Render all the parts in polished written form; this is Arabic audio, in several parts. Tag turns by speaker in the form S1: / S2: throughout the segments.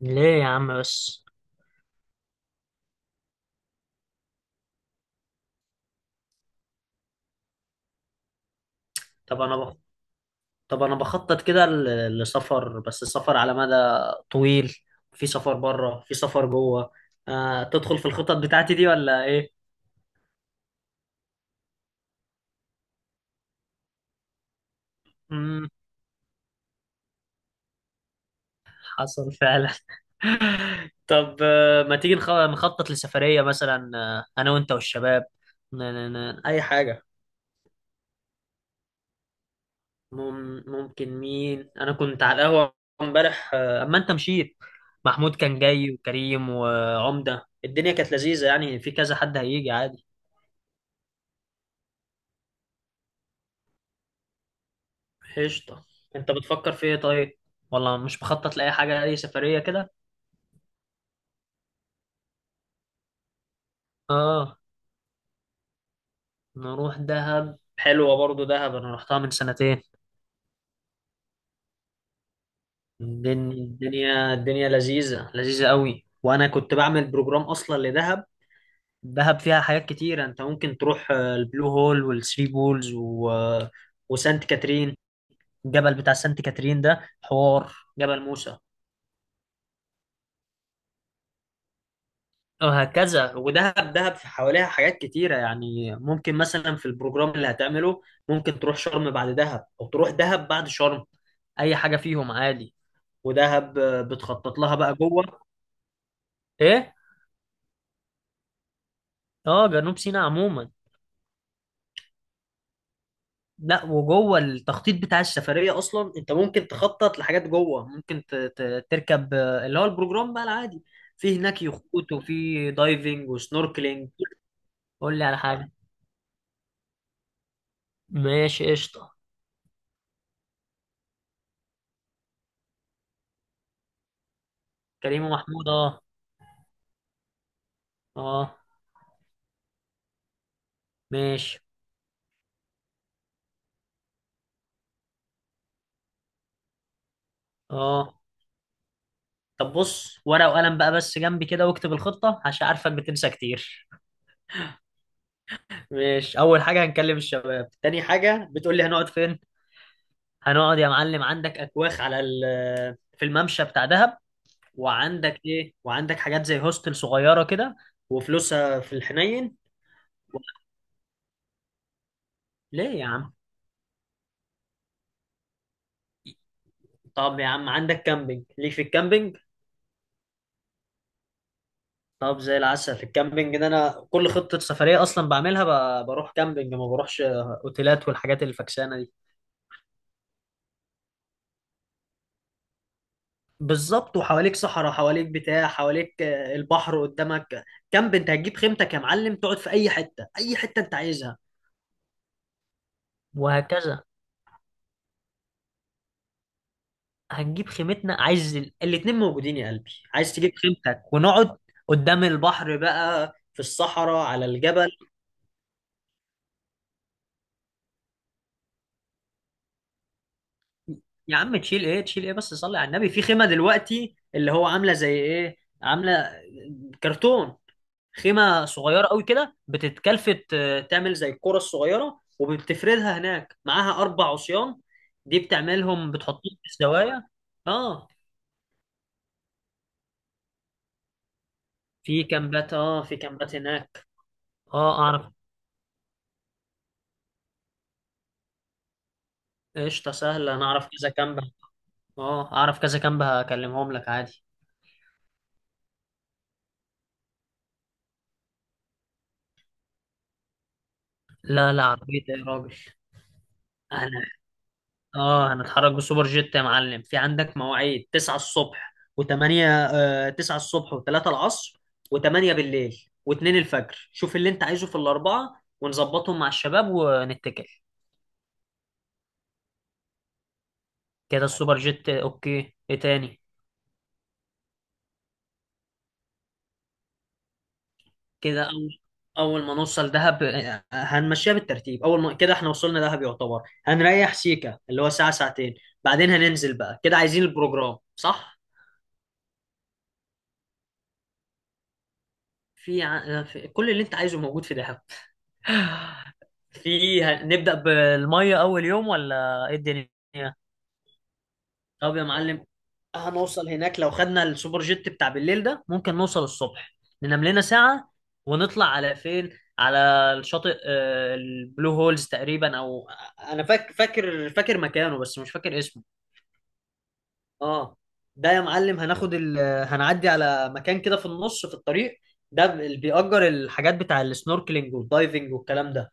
S1: ليه يا عم بس؟ طب انا بخ... طب انا بخطط كده لسفر، بس السفر على مدى طويل. في سفر بره، في سفر جوه. تدخل في الخطط بتاعتي دي ولا ايه؟ امم حصل فعلا طب ما تيجي نخطط لسفرية مثلا، انا وانت والشباب. اي حاجة. ممكن مين؟ انا كنت على القهوة امبارح اما انت مشيت. محمود كان جاي وكريم وعمدة، الدنيا كانت لذيذة يعني. في كذا حد هيجي عادي. قشطة. انت بتفكر في ايه طيب؟ ولا مش مخطط لأي حاجة، أي سفرية كده؟ اه. نروح دهب، حلوة برضو دهب، أنا رحتها من سنتين. الدنيا الدنيا الدنيا لذيذة لذيذة قوي، وأنا كنت بعمل بروجرام أصلا لدهب. دهب فيها حاجات كتيرة، انت ممكن تروح البلو هول والثري بولز وسانت كاترين. الجبل بتاع سانت كاترين ده حوار. جبل موسى. وهكذا، ودهب دهب في حواليها حاجات كتيرة يعني. ممكن مثلا في البروجرام اللي هتعمله ممكن تروح شرم بعد دهب أو تروح دهب بعد شرم، أي حاجة فيهم عادي. ودهب بتخطط لها بقى جوه. إيه؟ آه، جنوب سيناء عموما. لا، وجوه التخطيط بتاع السفرية أصلا، أنت ممكن تخطط لحاجات جوه، ممكن تركب اللي هو البروجرام بقى العادي. في هناك يخوت، وفي دايفنج وسنوركلينج. قول لي على حاجة. ماشي قشطة. كريم ومحمود آه. آه. ماشي. اه طب بص، ورقة وقلم بقى بس جنبي كده واكتب الخطة عشان عارفك بتنسى كتير. ماشي. أول حاجة هنكلم الشباب. تاني حاجة بتقول لي هنقعد فين؟ هنقعد يا معلم عندك أكواخ على في الممشى بتاع دهب. وعندك إيه؟ وعندك حاجات زي هوستل صغيرة كده، وفلوسها في الحنين. ليه يا عم؟ طب يا عم عندك كامبينج، ليك في الكامبينج. طب زي العسل. في الكامبينج ده انا كل خطة سفرية اصلا بعملها، بروح كامبينج، ما بروحش اوتيلات والحاجات الفكسانة دي. بالظبط، وحواليك صحراء، حواليك بتاع، حواليك البحر قدامك. كامب، انت هتجيب خيمتك يا معلم، تقعد في اي حته، اي حته انت عايزها. وهكذا. هنجيب خيمتنا، عايز الاتنين موجودين يا قلبي، عايز تجيب خيمتك ونقعد قدام البحر بقى، في الصحراء، على الجبل. يا عم تشيل ايه، تشيل ايه بس؟ صلي على النبي، في خيمه دلوقتي اللي هو عامله زي ايه، عامله كرتون. خيمه صغيره قوي كده بتتكلفت تعمل زي الكره الصغيره، وبتفردها هناك، معاها اربع عصيان دي بتعملهم بتحطهم في الزوايا. اه في كامبات، اه في كامبات هناك. اه اعرف. قشطه سهله، انا اعرف كذا كامب. اه اعرف كذا كامب هكلمهم لك عادي. لا لا، عربية ايه يا راجل. اه هنتحرك بسوبر جيت يا معلم. في عندك مواعيد 9 الصبح و8، آه 9 الصبح و3 العصر و8 بالليل و2 الفجر. شوف اللي انت عايزه في الاربعه ونظبطهم مع الشباب ونتكل. كده السوبر جيت اوكي. ايه تاني؟ كده اول، اول ما نوصل دهب هنمشيها بالترتيب. اول ما كده احنا وصلنا دهب يعتبر هنريح سيكا اللي هو ساعه ساعتين، بعدين هننزل بقى كده. عايزين البروجرام صح؟ في, ع... آه، في كل اللي انت عايزه موجود في دهب. نبدأ بالمية أول يوم ولا إيه الدنيا؟ طب يا معلم هنوصل هناك لو خدنا السوبر جيت بتاع بالليل ده، ممكن نوصل الصبح، ننام لنا ساعة ونطلع على فين؟ على الشاطئ البلو هولز تقريبا، أو فاكر مكانه بس مش فاكر اسمه. آه. ده يا معلم هناخد هنعدي على مكان كده في النص في الطريق، ده اللي بيأجر الحاجات بتاع السنوركلينج والدايفنج والكلام ده.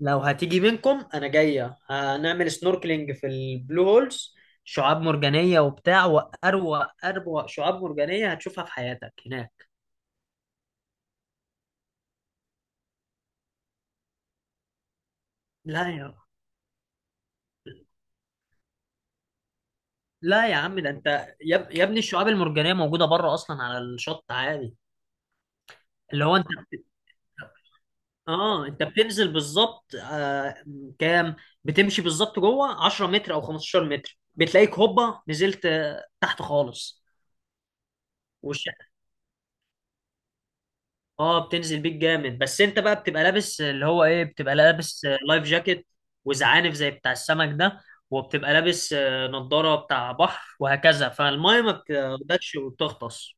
S1: لو هتيجي منكم انا جايه، هنعمل سنوركلينج في البلو هولز، شعاب مرجانيه وبتاع، واروق اروق شعاب مرجانيه هتشوفها في حياتك هناك. لا يا. لا يا عم ده انت. يا, يا ابني الشعاب المرجانيه موجوده بره اصلا على الشط عادي. اللي هو انت بت... اه انت بتنزل بالظبط كام، بتمشي بالظبط جوه 10 متر او 15 متر بتلاقيك هوبا نزلت تحت خالص. اه بتنزل بيك جامد، بس انت بقى بتبقى لابس اللي هو ايه، بتبقى لابس لايف جاكيت وزعانف زي بتاع السمك ده، وبتبقى لابس نضارة بتاع بحر وهكذا، فالمية ما بتاخدكش وبتغطس.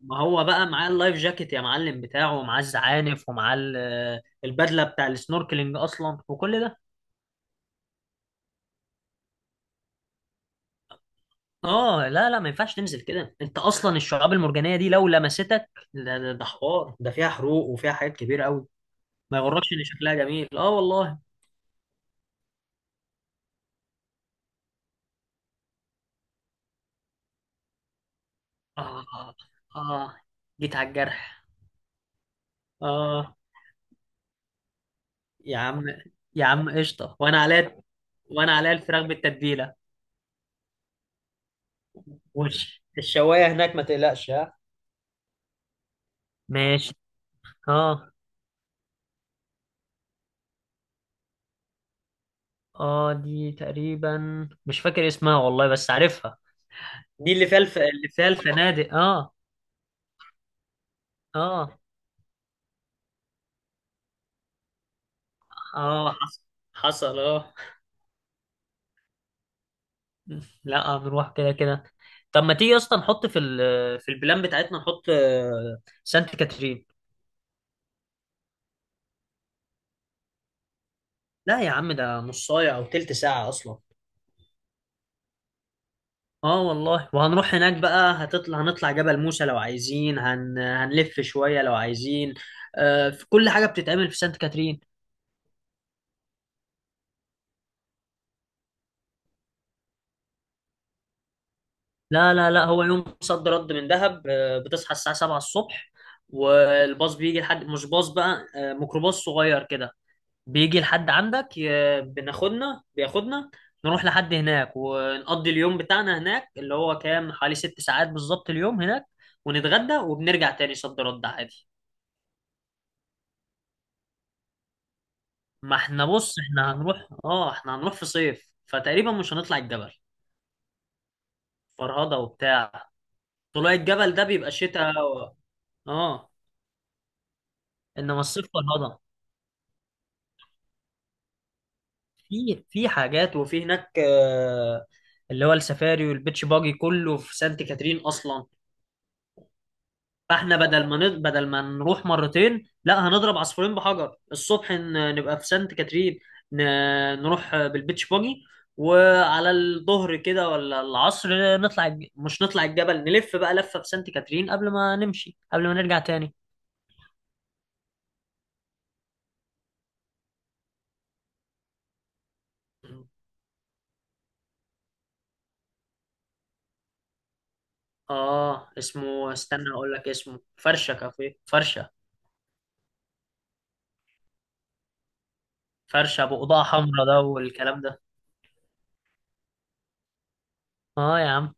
S1: ما هو بقى معاه اللايف جاكيت يا معلم بتاعه، ومعاه الزعانف، ومعاه البدلة بتاع السنوركلينج اصلا وكل ده. اه لا لا ما ينفعش تنزل كده، انت اصلا الشعاب المرجانية دي لو لمستك ده حوار، ده فيها حروق وفيها حاجات كبيرة قوي. ما يغركش ان شكلها جميل، اه والله. آه. آه، جيت على الجرح. آه. يا عم، يا عم قشطة وأنا عليا. وأنا عليا الفراخ بالتتبيلة. وش الشواية هناك ما تقلقش ها. ماشي. آه. آه دي تقريبا مش فاكر اسمها والله بس عارفها. دي اللي فيها اللي فيها الفنادق آه. آه. آه حصل. حصل آه. لا هنروح كده كده. طب ما تيجي أصلا نحط في في البلان بتاعتنا نحط سانت كاترين. لا يا عم ده نص ساعة أو تلت ساعة أصلا. اه والله، وهنروح هناك بقى، هتطلع، هنطلع جبل موسى لو عايزين، هنلف شوية لو عايزين. آه في كل حاجة بتتعمل في سانت كاترين. لا لا لا هو يوم صد رد من دهب، آه بتصحى الساعة 7 الصبح، والباص بيجي لحد، مش باص بقى آه ميكروباص صغير كده، بيجي لحد عندك بناخدنا، بياخدنا نروح لحد هناك ونقضي اليوم بتاعنا هناك، اللي هو كام حوالي ست ساعات بالظبط اليوم هناك، ونتغدى وبنرجع تاني صد رد عادي. ما احنا بص، احنا هنروح في صيف، فتقريبا مش هنطلع الجبل، فرهضة وبتاع. طلوع الجبل ده بيبقى شتاء اه. انما الصيف فرهضة. في حاجات، وفي هناك اللي هو السفاري والبيتش باجي كله في سانت كاترين اصلا. فاحنا بدل ما نروح مرتين، لا هنضرب عصفورين بحجر، الصبح نبقى في سانت كاترين، ن- نروح بالبيتش باجي، وعلى الظهر كده ولا العصر مش نطلع الجبل، نلف بقى لفة في سانت كاترين قبل ما نمشي، قبل ما نرجع تاني. اه اسمه، استنى اقول لك اسمه، فرشة كافيه فرشة. فرشة بقضاء حمراء ده والكلام ده. اه يا عم.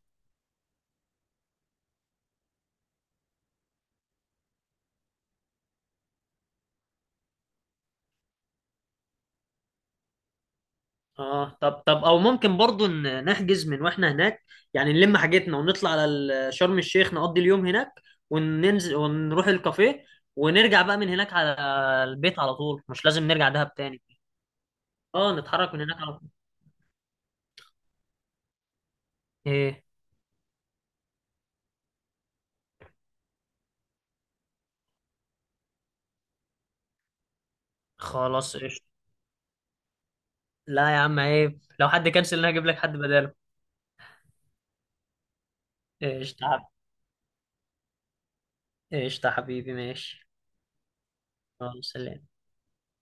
S1: اه طب طب، او ممكن برضو نحجز من واحنا هناك، يعني نلم حاجتنا ونطلع على شرم الشيخ نقضي اليوم هناك، وننزل ونروح الكافيه ونرجع بقى من هناك على البيت على طول، مش لازم نرجع دهب تاني. اه نتحرك من هناك على طول. ايه. خلاص قشطة. لا يا عم عيب، لو حد كنسل انا هجيب لك حد بداله. قشطة يا حبيبي. قشطة يا حبيبي ماشي. خلاص سلام.